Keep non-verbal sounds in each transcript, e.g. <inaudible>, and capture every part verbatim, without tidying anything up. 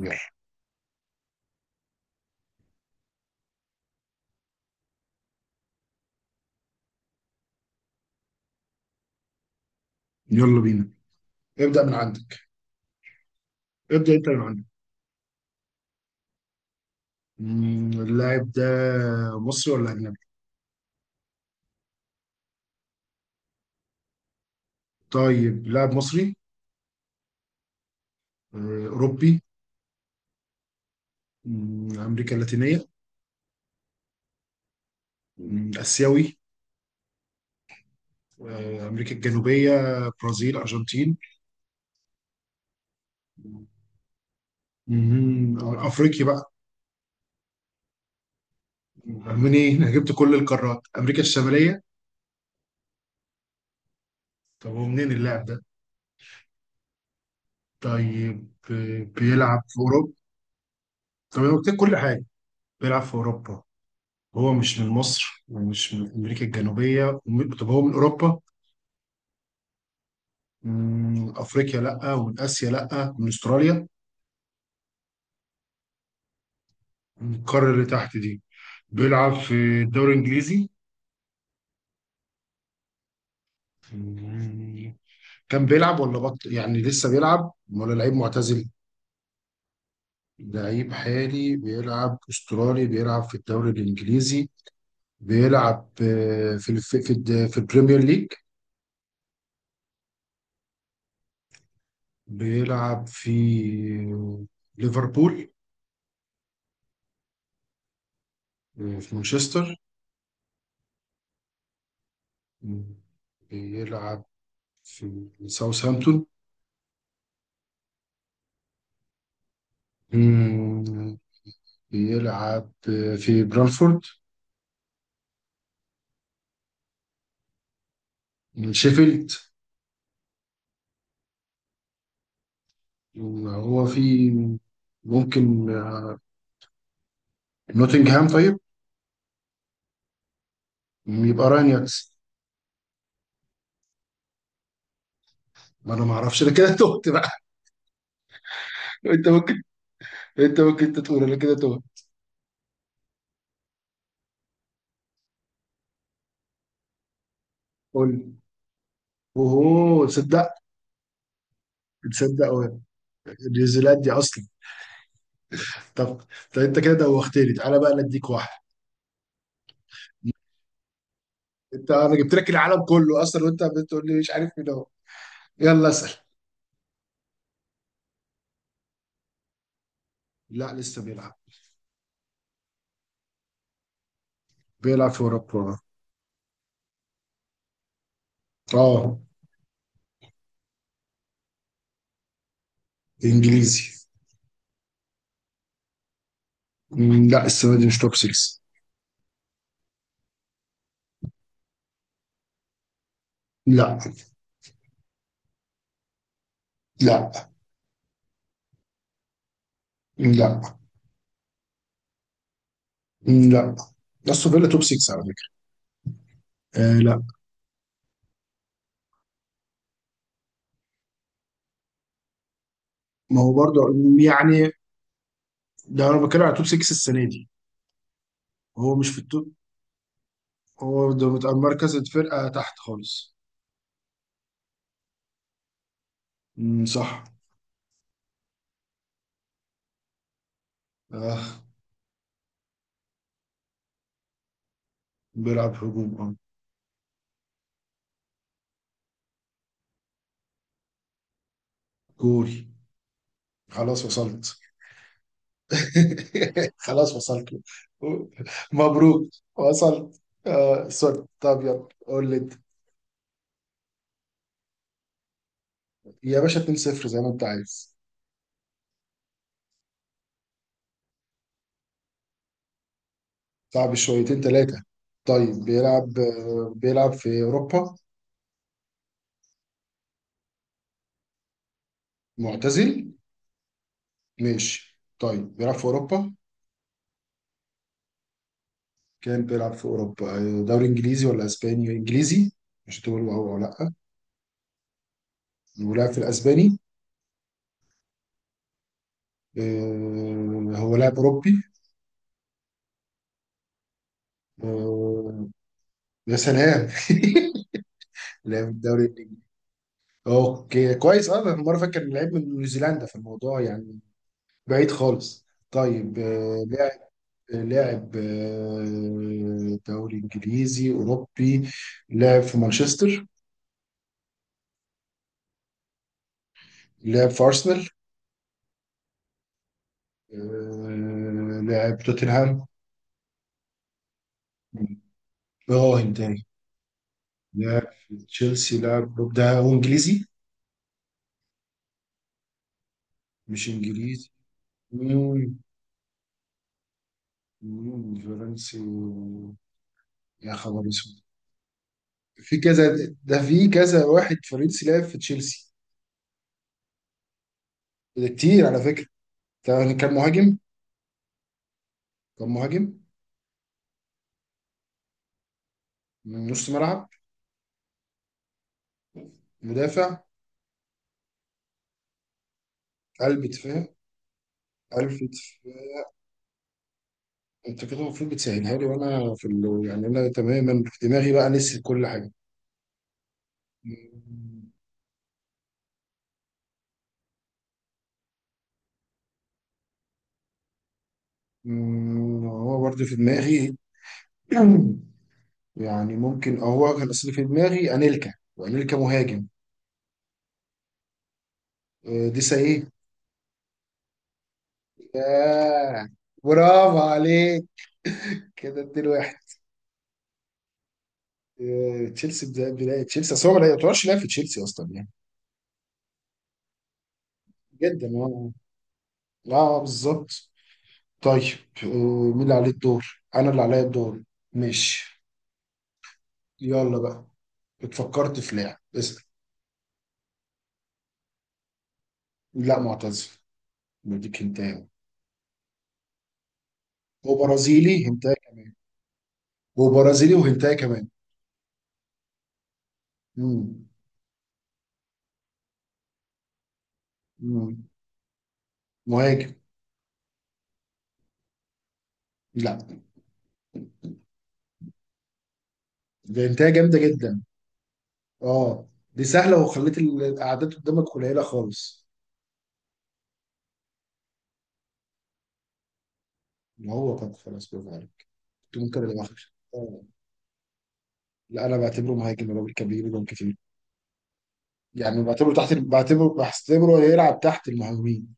يلا. يلا بينا. ابدأ من عندك. ابدأ انت من عندك. مم، اللاعب ده مصري ولا أجنبي؟ طيب لاعب مصري. آه، أوروبي. مم، أمريكا اللاتينية. مم، آسيوي. آه، أمريكا الجنوبية برازيل أرجنتين. مم، أفريقي بقى. منين؟ أنا جبت كل القارات أمريكا الشمالية. طب هو منين اللاعب ده؟ طيب آه، بيلعب في أوروبا. طب أنا قلت لك كل حاجة. بيلعب في أوروبا. هو مش من مصر ومش من أمريكا الجنوبية وم- طب هو من أوروبا. من أفريقيا لأ ومن آسيا لأ من أستراليا. من القارة اللي تحت دي. بيلعب في الدوري الإنجليزي. مم. كان بيلعب ولا بطل يعني لسه بيلعب ولا لعيب معتزل. لعيب حالي بيلعب أسترالي بيلعب في الدوري الإنجليزي. بيلعب آه، في الف- في الد- في البريمير ليج. بيلعب في ليفربول. آه، في مانشستر. مم. بيلعب في ساوثهامبتون. مم. بيلعب في برانفورد. شيفيلد. هو في ممكن آه، نوتنغهام طيب. يبقى رانياكس. ما انا ما اعرفش انا كده تهت بقى. <laughs> انت ممكن انت ممكن أنت تقول انا كده تهت. قول لي. اوه تصدق. تصدق هو نيوزيلاند دي اصلا. طب. طب انت كده دوختني تعالى بقى نديك واحد. انت انا جبت لك العالم كله اصلا وانت بتقول لي مش عارف مين هو. يلا اسال. لا لسه بيلعب. بيلعب في اوروبا. اه. انجليزي. مم، لا السنه دي مش توب ستة. لا لا لا لا. استون فيلا توب ستة على فكره. آه لا. ما هو برضه يعني ده انا بتكلم على توب ستة السنه دي. هو مش في التوب. هو ده بتاع مركز الفرقه تحت خالص. مم، صح. آه بيلعب هجوم اه. جول. خلاص وصلت. <laughs> خلاص وصلت. مبروك. وصلت. آه سوري طب يلا قول لي. يا باشا اتنين صفر زي ما انت عايز. صعب شويتين ثلاثة. طيب بيلعب آه، بيلعب في أوروبا. معتزل. ماشي طيب بيلعب في أوروبا. كان بيلعب في أوروبا آه، دوري إنجليزي ولا أسباني إنجليزي. مش تقول أو أو لأ. ولعب في الأسباني. آه، هو لاعب أوروبي. آه، يا سلام. <laughs> لعب الدوري الإنجليزي. أوكي كويس أه. أنا مرة فاكر إن لعيب من نيوزيلندا في الموضوع يعني. بعيد خالص. طيب آه، لعب آه، دوري انجليزي اوروبي. لعب في مانشستر. لعب في ارسنال. آه، لعب توتنهام. براهن تاني. لعب في تشيلسي لعب بروك. ده هو انجليزي. مش انجليزي. مم، مم، فرنسي. يا خبر اسود. في كذا. ده في كذا واحد فرنسي لعب في تشيلسي. ده كتير على فكرة. ده كان مهاجم. كان مهاجم. نص ملعب. مدافع. قلب دفاع. عارف انت. انت كده المفروض بتسهلها لي وانا في ال... يعني انا تماما في دماغي بقى نسيت كل حاجه. أمم، هو برضه في دماغي. <clears throat> يعني ممكن أه هو كان اصلي في دماغي انيلكا وانيلكا مهاجم. آه، دي ايه. ياه. برافو عليك. كده اديله واحد. آه، تشيلسي بدا- بدايه تشيلسي اصل هو ما يعتبرش لاعب في تشيلسي اصلا يعني. جدا اه. لا بالظبط. طيب آه، مين اللي عليه الدور انا اللي عليا الدور. ماشي. يلا بقى. اتفكرت في لاعب اسأل. لا معتزل. بديك هنتايه. وبرازيلي هنتايه كمان. وبرازيلي وهنتايه كمان مم. مم. مهاجم. لا ده هنتايه جامدة جدا. اه دي سهلة وخليت ال- الأعداد قدامك قليلة خالص. ما هو كان خلاص برافو عليك. كنت ممكن أبقى وحش. اه. لا أنا بعتبره مهاجم الراجل كان بيجيب جون كتير. يعني بعتبره تحت بعتبره بحتبره يلعب تحت المهاجمين.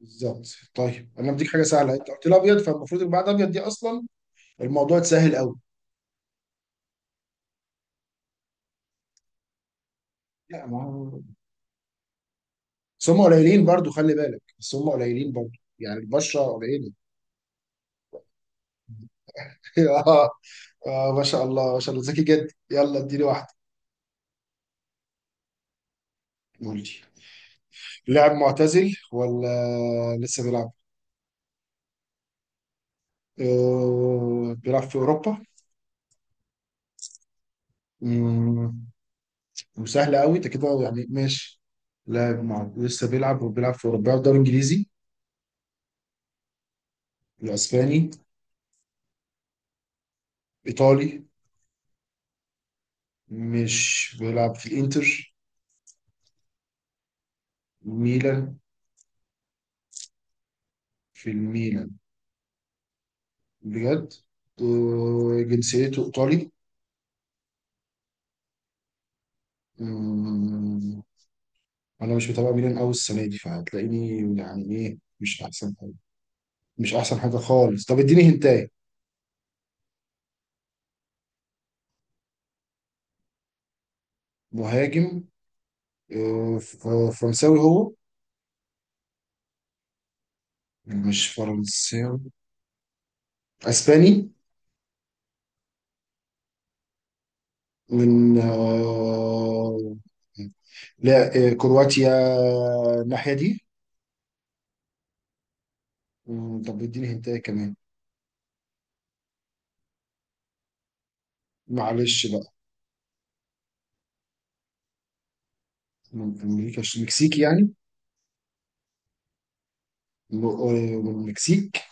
بالظبط. طيب انا بديك حاجه سهله انت قلت لي ابيض فالمفروض اللي بعد ابيض دي اصلا الموضوع اتسهل قوي. لا ما هو. بس هم قليلين برضو خلي بالك بس هم قليلين برضو. يعني البشرة قليلة. <laughs> اه. آه، ما شاء الله ما شاء الله ذكي جدا يلا اديني واحدة. قول لي. لاعب معتزل ولا لسه بيلعب؟ آه، بيلعب في أوروبا. مم، وسهل قوي انت كده يعني ماشي. لاعب مع... لسه بيلعب وبيلعب في أوروبا بيلعب دوري إنجليزي. الأسباني. إيطالي. مش بيلعب في الإنتر. ميلان. في الميلان. بجد. وجنسيته ايطالي. أمم، انا مش متابع ميلان قوي السنه دي فهتلاقيني. يعني ايه مش احسن حاجه. مش احسن حاجه خالص طب اديني هنتاي. مهاجم. آه، ف- فرنساوي هو. مش فرنساوي. اسباني. من آه، لا آه، كرواتيا الناحيه دي. أمم، طب اديني هنتاي كمان. معلش بقى. من امريكا مش مكسيكي يعني. م- آه، من المكسيك.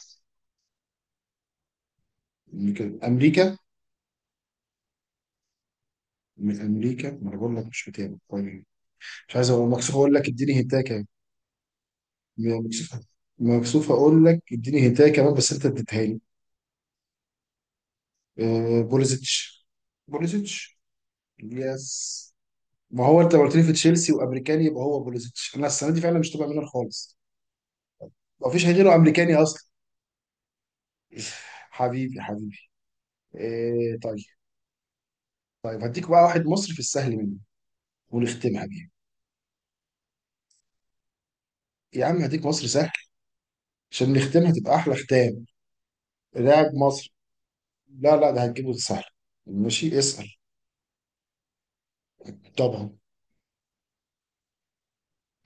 أمريكا أمريكا. من أمريكا ما أنا بقول لك مش متابع طيب. مش عايز أقول مكسوف أقول لك اديني هنتاية كمان. م- مكسوف. مكسوف أقول لك اديني هنتاية كمان بس أنت اديتها لي. آه، بوليزيتش. بوليزيتش يس. ما هو أنت لو قلت لي في تشيلسي وأمريكاني يبقى هو بوليزيتش أنا السنة دي فعلا مش تبقى منها خالص. ما فيش غيره أمريكاني أصلا. <laughs> حبيبي حبيبي. إيه طيب. طيب هديك بقى واحد مصري في السهل منه ونختمها بيه. يا عم هديك مصر سهل عشان نختمها تبقى احلى ختام. لاعب مصري. لا لا ده هتجيبه سهل. ماشي اسأل. طبعا.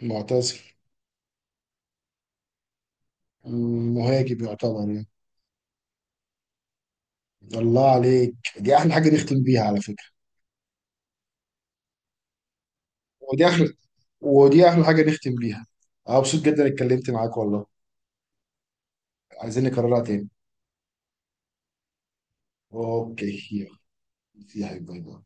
معتزل. مهاجم يعتبر يعني. الله عليك دي احلى حاجة نختم بيها على فكرة. ودي احلى. ودي احلى حاجة نختم بيها. انا مبسوط جدا اتكلمت معاك والله. عايزين نكررها تاني. اوكي يلا. يا حبيبي باي باي.